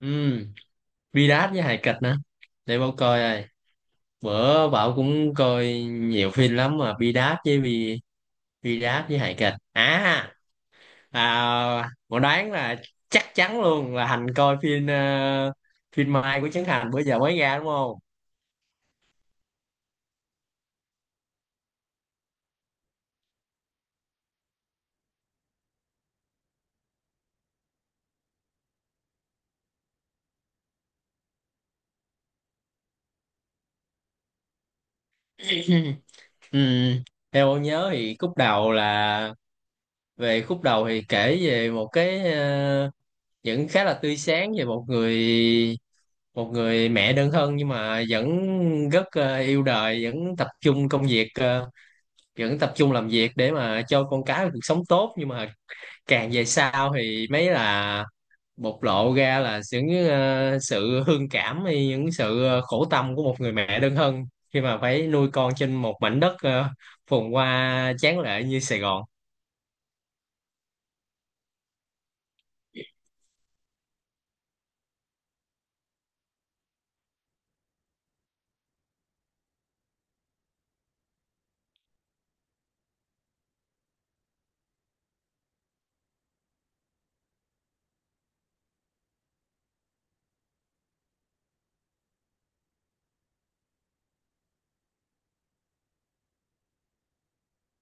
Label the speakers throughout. Speaker 1: ừ Virat với hài kịch nữa, để bảo coi ai. Bữa bảo cũng coi nhiều phim lắm mà Virat với hài kịch à? À, bảo đoán là chắc chắn luôn là Hành coi phim phim Mai của Trấn Thành bữa giờ mới ra đúng không? Ừ. Theo bảo nhớ thì khúc đầu là khúc đầu thì kể về một cái vẫn khá là tươi sáng về một người mẹ đơn thân nhưng mà vẫn rất yêu đời, vẫn tập trung công việc, vẫn tập trung làm việc để mà cho con cái một cuộc sống tốt. Nhưng mà càng về sau thì mấy là bộc lộ ra là những sự hương cảm hay những sự khổ tâm của một người mẹ đơn thân khi mà phải nuôi con trên một mảnh đất phồn hoa tráng lệ như Sài Gòn.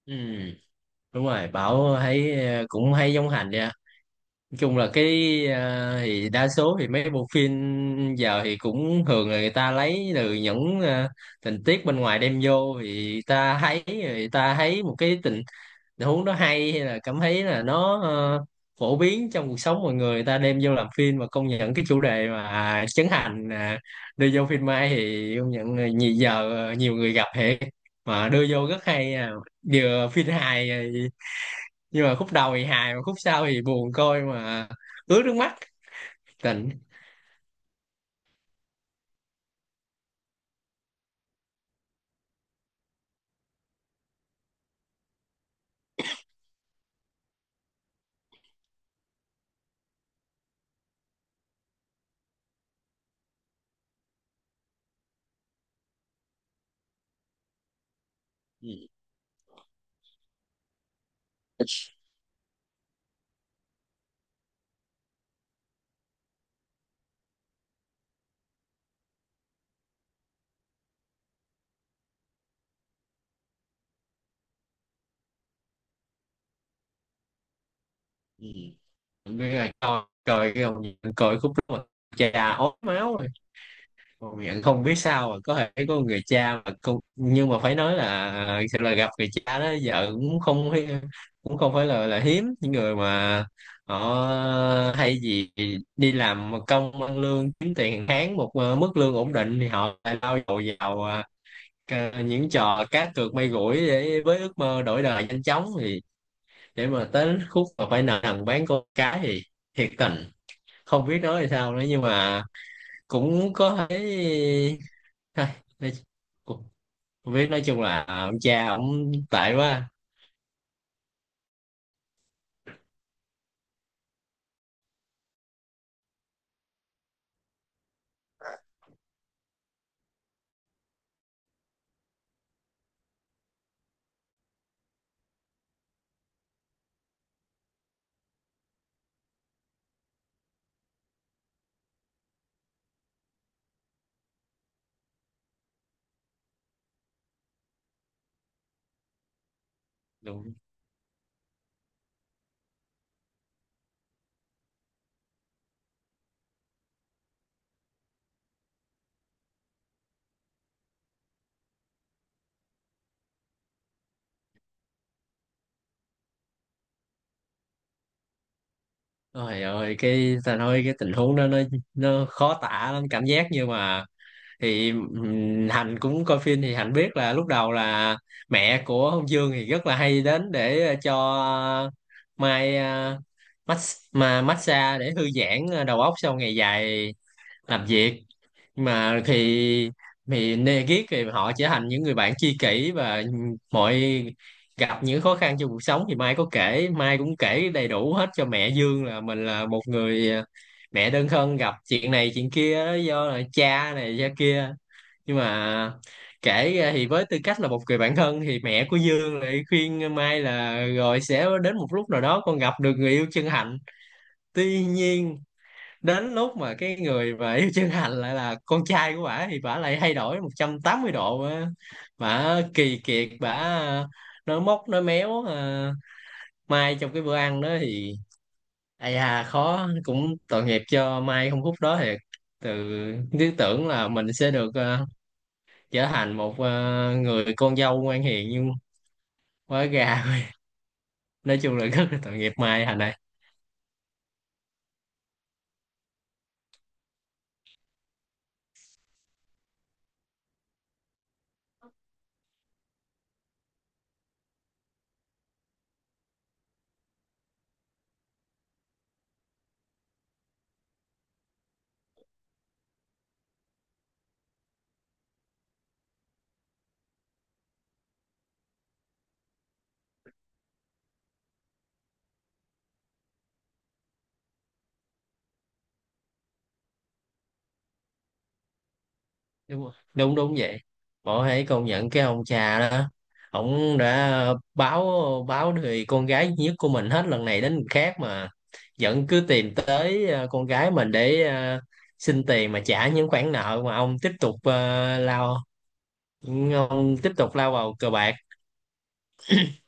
Speaker 1: Ừ, đúng rồi, Bảo thấy cũng hay giống Hành đi. Nói chung là cái à, thì đa số thì mấy bộ phim giờ thì cũng thường là người ta lấy từ những à, tình tiết bên ngoài đem vô, thì ta thấy người ta thấy một cái tình tình huống đó hay, hay là cảm thấy là nó phổ biến trong cuộc sống mọi người, người ta đem vô làm phim. Và công nhận cái chủ đề mà Trấn Thành à, đưa vô phim Mai thì công nhận là nhiều giờ nhiều người gặp hệ mà đưa vô rất hay à. Vừa phim hài nhưng mà khúc đầu thì hài mà khúc sau thì buồn, coi mà ướt nước mắt tình. Ừ, ừ. Biết rồi, coi coi cái ông, coi khúc đó mà cha ốm máu rồi, ông nhận không biết sao mà có thể có người cha mà con, nhưng mà phải nói là thật là gặp người cha đó. Giờ cũng không cũng không phải là hiếm những người mà họ hay gì đi làm công ăn lương kiếm tiền hàng tháng một mức lương ổn định, thì họ lại lao đầu vào à, những trò cá cược may rủi để với ước mơ đổi đời nhanh chóng, thì để mà tới khúc mà phải nợ nần bán con cái thì thiệt tình không biết nói thì sao nữa. Nhưng mà cũng có thấy. Thôi, nói- cũng không biết, nói chung là ông cha ông tệ quá. Đúng. Ôi ơi, cái ta nói cái tình huống đó nó khó tả lắm, cảm giác như mà thì Hạnh cũng coi phim thì Hạnh biết là lúc đầu là mẹ của Hồng Dương thì rất là hay đến để cho Mai mà massage để thư giãn đầu óc sau ngày dài làm việc. Nhưng mà thì nê ghét thì họ trở thành những người bạn tri kỷ, và mọi gặp những khó khăn trong cuộc sống thì Mai cũng kể đầy đủ hết cho mẹ Dương là mình là một người mẹ đơn thân gặp chuyện này chuyện kia do là cha này cha kia. Nhưng mà kể ra thì với tư cách là một người bạn thân thì mẹ của Dương lại khuyên Mai là rồi sẽ đến một lúc nào đó con gặp được người yêu chân thành. Tuy nhiên, đến lúc mà cái người mà yêu chân hạnh lại là con trai của bả thì bả lại thay đổi 180 độ á. Bả kỳ kiệt, bả nói móc nói méo à. Mai trong cái bữa ăn đó thì ai à khó cũng tội nghiệp cho Mai không, phút đó thì từ cứ tưởng là mình sẽ được trở thành một người con dâu ngoan hiền, nhưng quá gà nói chung là rất là tội nghiệp Mai, Thành này. Đúng rồi. Đúng, đúng vậy, bỏ hãy công nhận cái ông cha đó ổng đã báo báo thì con gái duy nhất của mình hết lần này đến lần khác mà vẫn cứ tìm tới con gái mình để xin tiền mà trả những khoản nợ mà ông tiếp tục lao vào cờ bạc.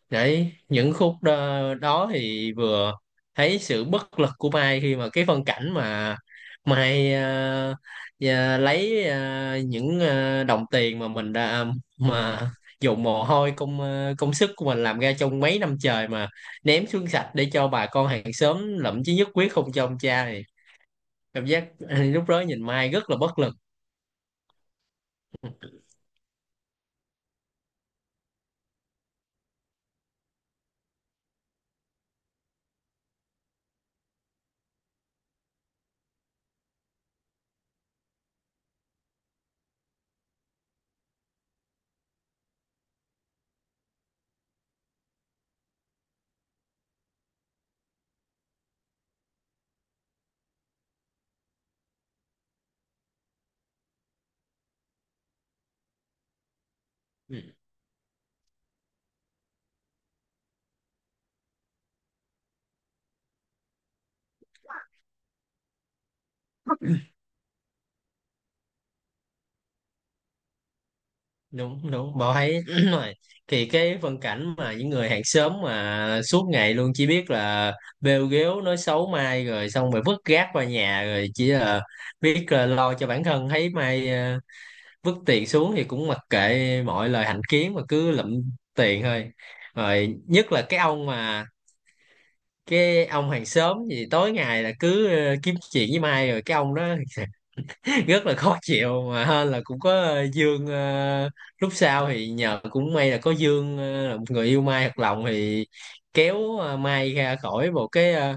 Speaker 1: Đấy, những khúc đó, đó thì vừa thấy sự bất lực của Mai khi mà cái phân cảnh mà Mai lấy những đồng tiền mà mình đã mà dùng mồ hôi công sức của mình làm ra trong mấy năm trời mà ném xuống sạch để cho bà con hàng xóm lậm chí nhất quyết không cho ông cha, thì cảm giác lúc đó nhìn Mai rất là bất lực. Ừ. Đúng, đúng, bảo thấy rồi thì cái phân cảnh mà những người hàng xóm mà suốt ngày luôn chỉ biết là bêu ghéo nói xấu Mai rồi xong rồi vứt rác qua nhà rồi chỉ là biết là lo cho bản thân, thấy Mai vứt tiền xuống thì cũng mặc kệ mọi lời hành kiến mà cứ lụm tiền thôi. Rồi nhất là cái ông mà cái ông hàng xóm gì tối ngày là cứ kiếm chuyện với Mai rồi cái ông đó rất là khó chịu. Mà hên là cũng có Dương lúc sau thì nhờ cũng may là có Dương là một người yêu Mai thật lòng, thì kéo Mai ra khỏi một cái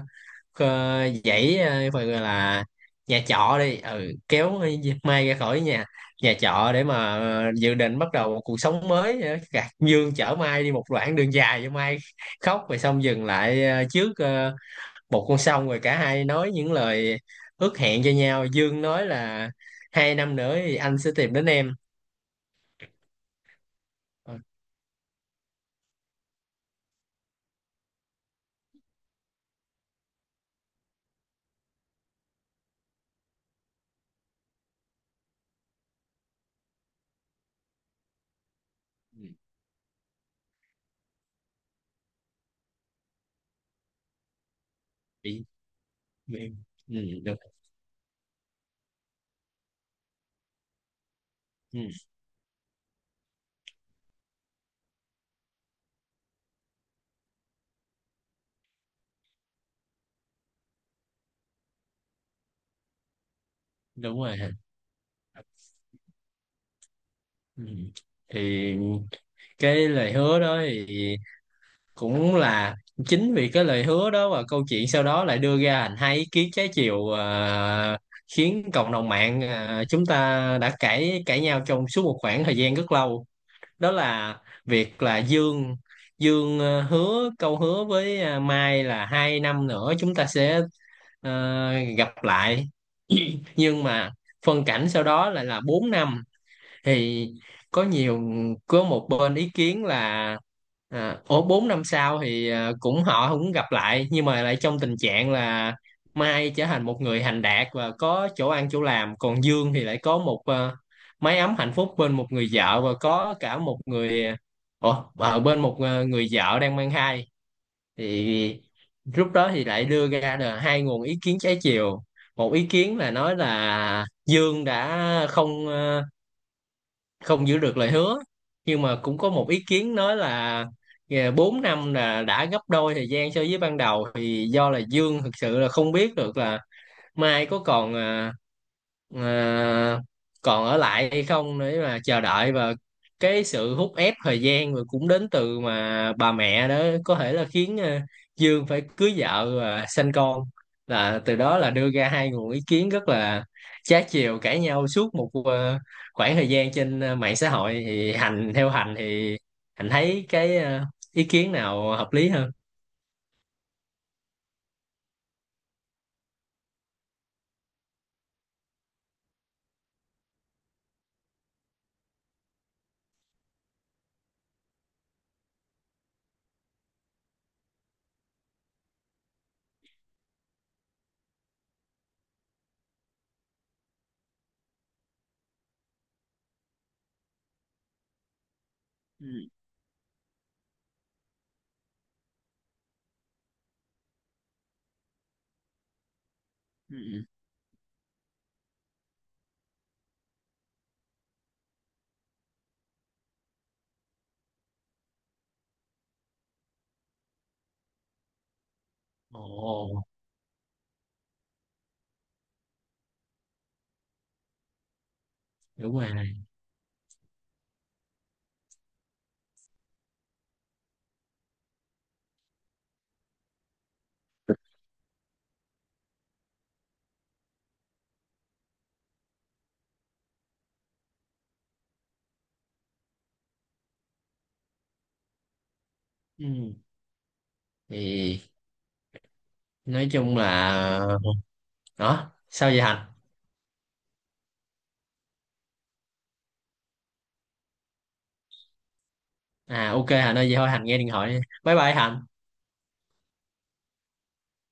Speaker 1: dãy phải gọi là nhà trọ đi, ừ, kéo Mai ra khỏi nhà nhà trọ để mà dự định bắt đầu một cuộc sống mới. Ờ, Gạt Dương chở Mai đi một đoạn đường dài cho Mai khóc rồi xong dừng lại trước một con, xong rồi cả hai nói những lời ước hẹn cho nhau. Dương nói là 2 năm nữa thì anh sẽ tìm đến em. Ờ, ừ, bị, bị, ừ, đúng, ừ, đúng rồi hả? Ừ. Thì cái lời hứa đó thì cũng là, chính vì cái lời hứa đó và câu chuyện sau đó lại đưa ra thành hai ý kiến trái chiều à, khiến cộng đồng mạng à, chúng ta đã cãi cãi nhau trong suốt một khoảng thời gian rất lâu. Đó là việc là Dương Dương hứa câu hứa với Mai là 2 năm nữa chúng ta sẽ ờ, gặp lại, nhưng mà phân cảnh sau đó lại là 4 năm. Thì có nhiều, có một bên ý kiến là à, ổ 4 năm sau thì à, cũng họ cũng gặp lại nhưng mà lại trong tình trạng là Mai trở thành một người thành đạt và có chỗ ăn chỗ làm, còn Dương thì lại có một à, mái ấm hạnh phúc bên một người vợ và có cả một người à, Ủa, ở bên một à, người vợ đang mang thai. Thì lúc đó thì lại đưa ra là hai nguồn ý kiến trái chiều. Một ý kiến là nói là Dương đã không không giữ được lời hứa, nhưng mà cũng có một ý kiến nói là yeah, 4 năm là đã gấp đôi thời gian so với ban đầu, thì do là Dương thực sự là không biết được là Mai có còn à, à, còn ở lại hay không để mà chờ đợi, và cái sự hút ép thời gian rồi cũng đến từ mà bà mẹ đó có thể là khiến à, Dương phải cưới vợ và sanh con. Là từ đó là đưa ra hai nguồn ý kiến rất là trái chiều, cãi nhau suốt một à, khoảng thời gian trên à, mạng xã hội. Thì Hành, theo Hành thì Hành thấy cái à, ý kiến nào hợp lý hơn? Ừ. Ừ, ừ. Ồ, đúng rồi. Ừ. Thì nói chung là, đó sao vậy Hạnh? À ok Hạnh ơi, vậy thôi Hạnh nghe điện thoại đi. Bye bye Hạnh.